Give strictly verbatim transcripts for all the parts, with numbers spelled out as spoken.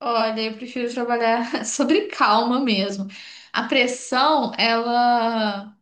Olha, eu prefiro trabalhar sobre calma mesmo. A pressão, ela,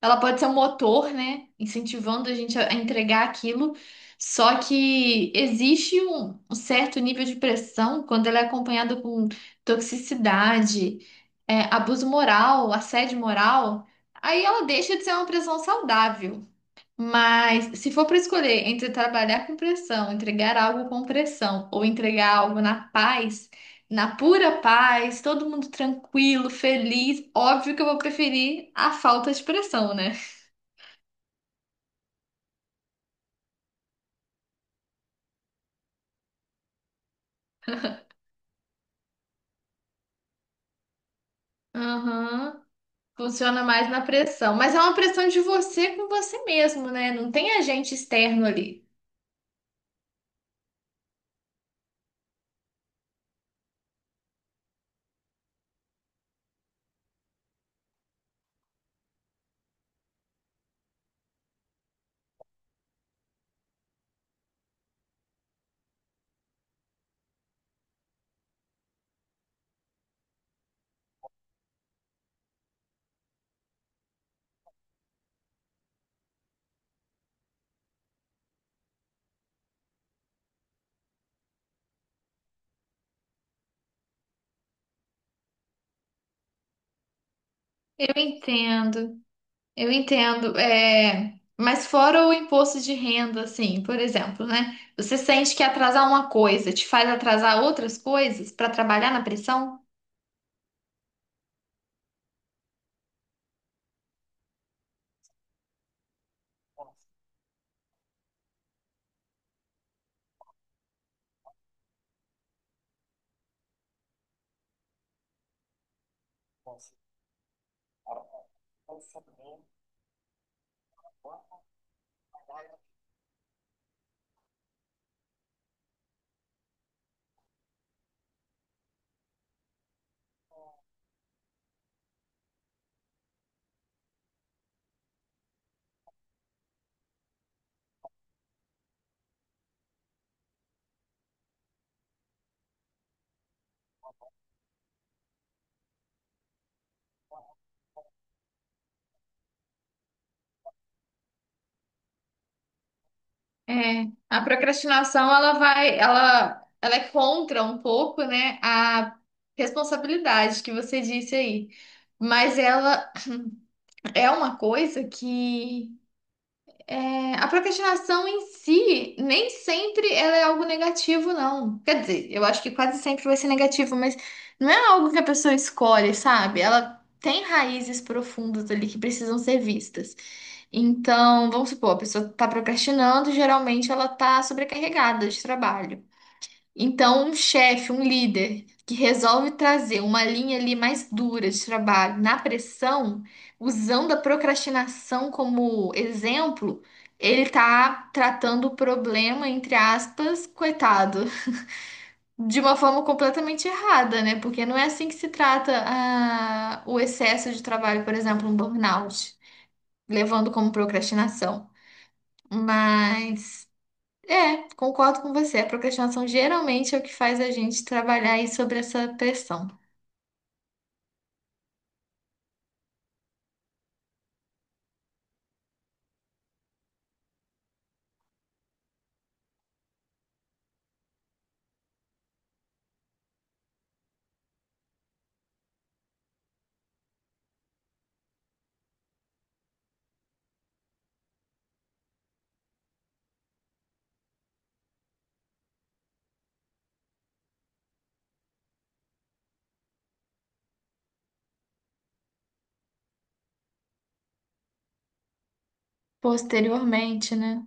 ela pode ser um motor, né? Incentivando a gente a a entregar aquilo. Só que existe um, um certo nível de pressão quando ela é acompanhada com toxicidade, é, abuso moral, assédio moral. Aí ela deixa de ser uma pressão saudável. Mas se for para escolher entre trabalhar com pressão, entregar algo com pressão ou entregar algo na paz, na pura paz, todo mundo tranquilo, feliz, óbvio que eu vou preferir a falta de pressão, né? Aham. Funciona mais na pressão, mas é uma pressão de você com você mesmo, né? Não tem agente externo ali. Eu entendo. Eu entendo, é, mas fora o imposto de renda, assim, por exemplo, né? Você sente que atrasar uma coisa te faz atrasar outras coisas para trabalhar na pressão? É, a procrastinação, ela vai, ela, ela é contra um pouco, né, a responsabilidade que você disse aí, mas ela é uma coisa que... É, a procrastinação em si, nem sempre ela é algo negativo, não. Quer dizer, eu acho que quase sempre vai ser negativo, mas não é algo que a pessoa escolhe, sabe? Ela tem raízes profundas ali que precisam ser vistas. Então, vamos supor, a pessoa está procrastinando, geralmente ela está sobrecarregada de trabalho. Então, um chefe, um líder que resolve trazer uma linha ali mais dura de trabalho na pressão, usando a procrastinação como exemplo, ele tá tratando o problema, entre aspas, coitado, de uma forma completamente errada, né? Porque não é assim que se trata ah, o excesso de trabalho, por exemplo, um burnout, levando como procrastinação. Mas... É, concordo com você. A procrastinação geralmente é o que faz a gente trabalhar aí sobre essa pressão posteriormente, né?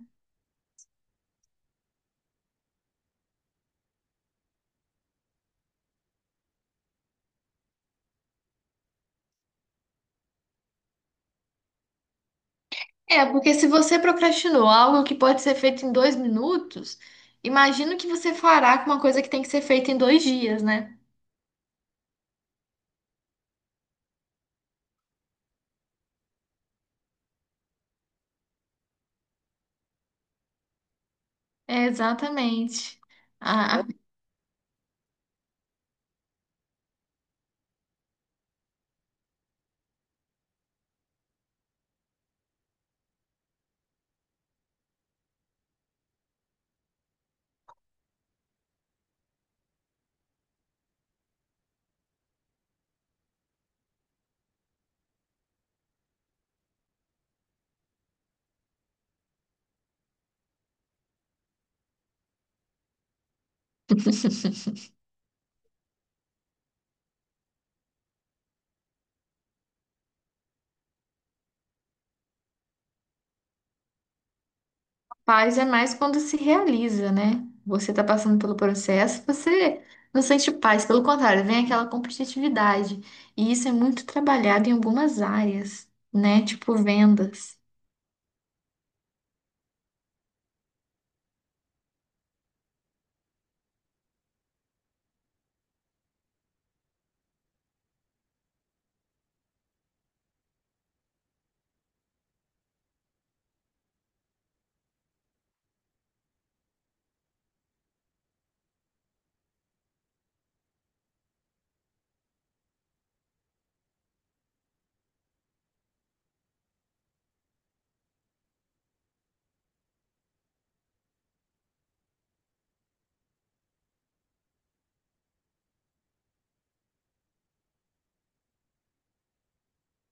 É, porque se você procrastinou algo que pode ser feito em dois minutos, imagino que você fará com uma coisa que tem que ser feita em dois dias, né? É, exatamente. A, a Paz é mais quando se realiza, né? Você está passando pelo processo, você não sente paz, pelo contrário, vem aquela competitividade. E isso é muito trabalhado em algumas áreas, né? Tipo vendas.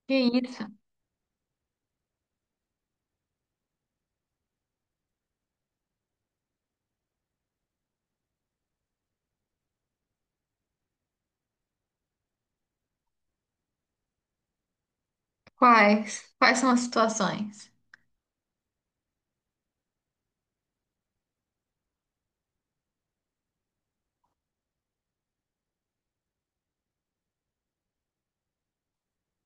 Que isso? Quais? Quais são as situações?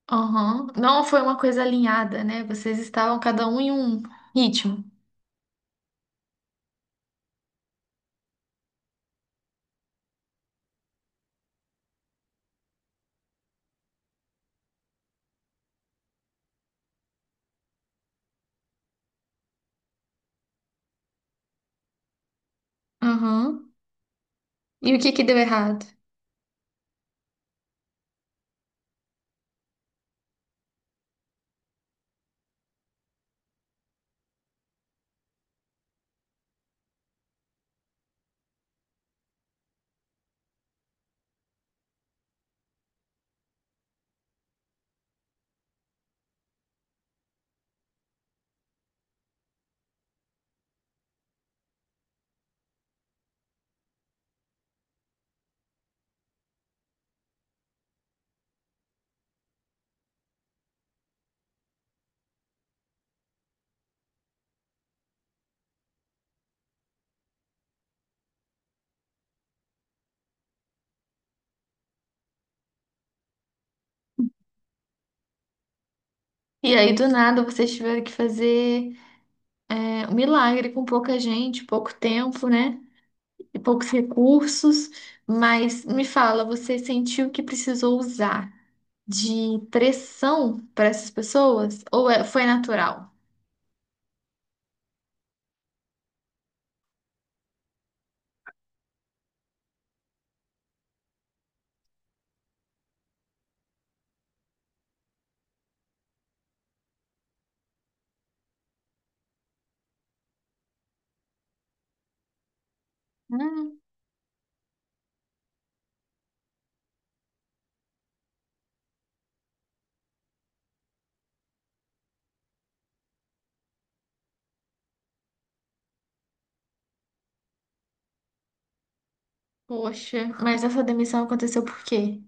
Aham. Não foi uma coisa alinhada, né? Vocês estavam cada um em um ritmo. Aham. E o que que deu errado? E aí, do nada, vocês tiveram que fazer é, um milagre com pouca gente, pouco tempo, né? E poucos recursos, mas me fala, você sentiu que precisou usar de pressão para essas pessoas ou é- foi natural? Hum, poxa, mas essa demissão aconteceu por quê?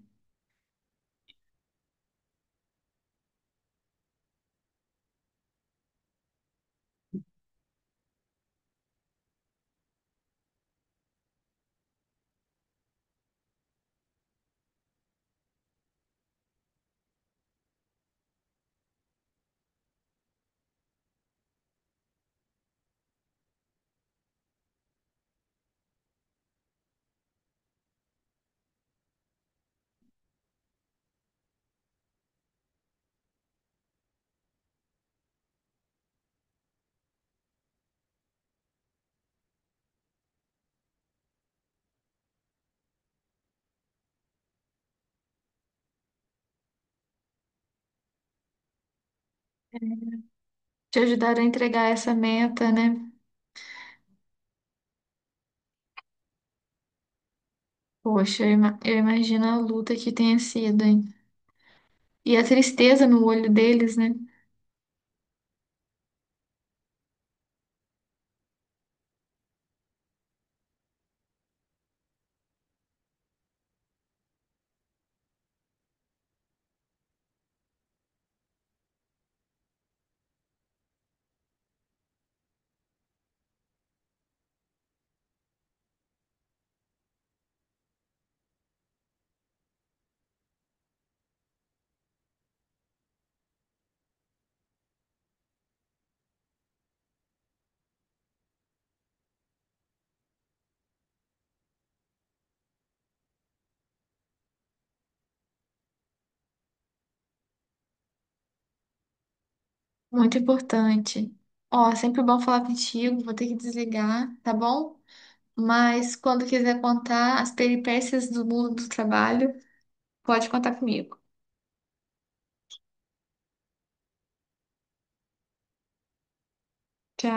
Te ajudaram a entregar essa meta, né? Poxa, eu ima- eu imagino a luta que tenha sido, hein? E a tristeza no olho deles, né? Muito importante. Ó, sempre bom falar contigo, vou ter que desligar, tá bom? Mas quando quiser contar as peripécias do mundo do trabalho, pode contar comigo. Tchau.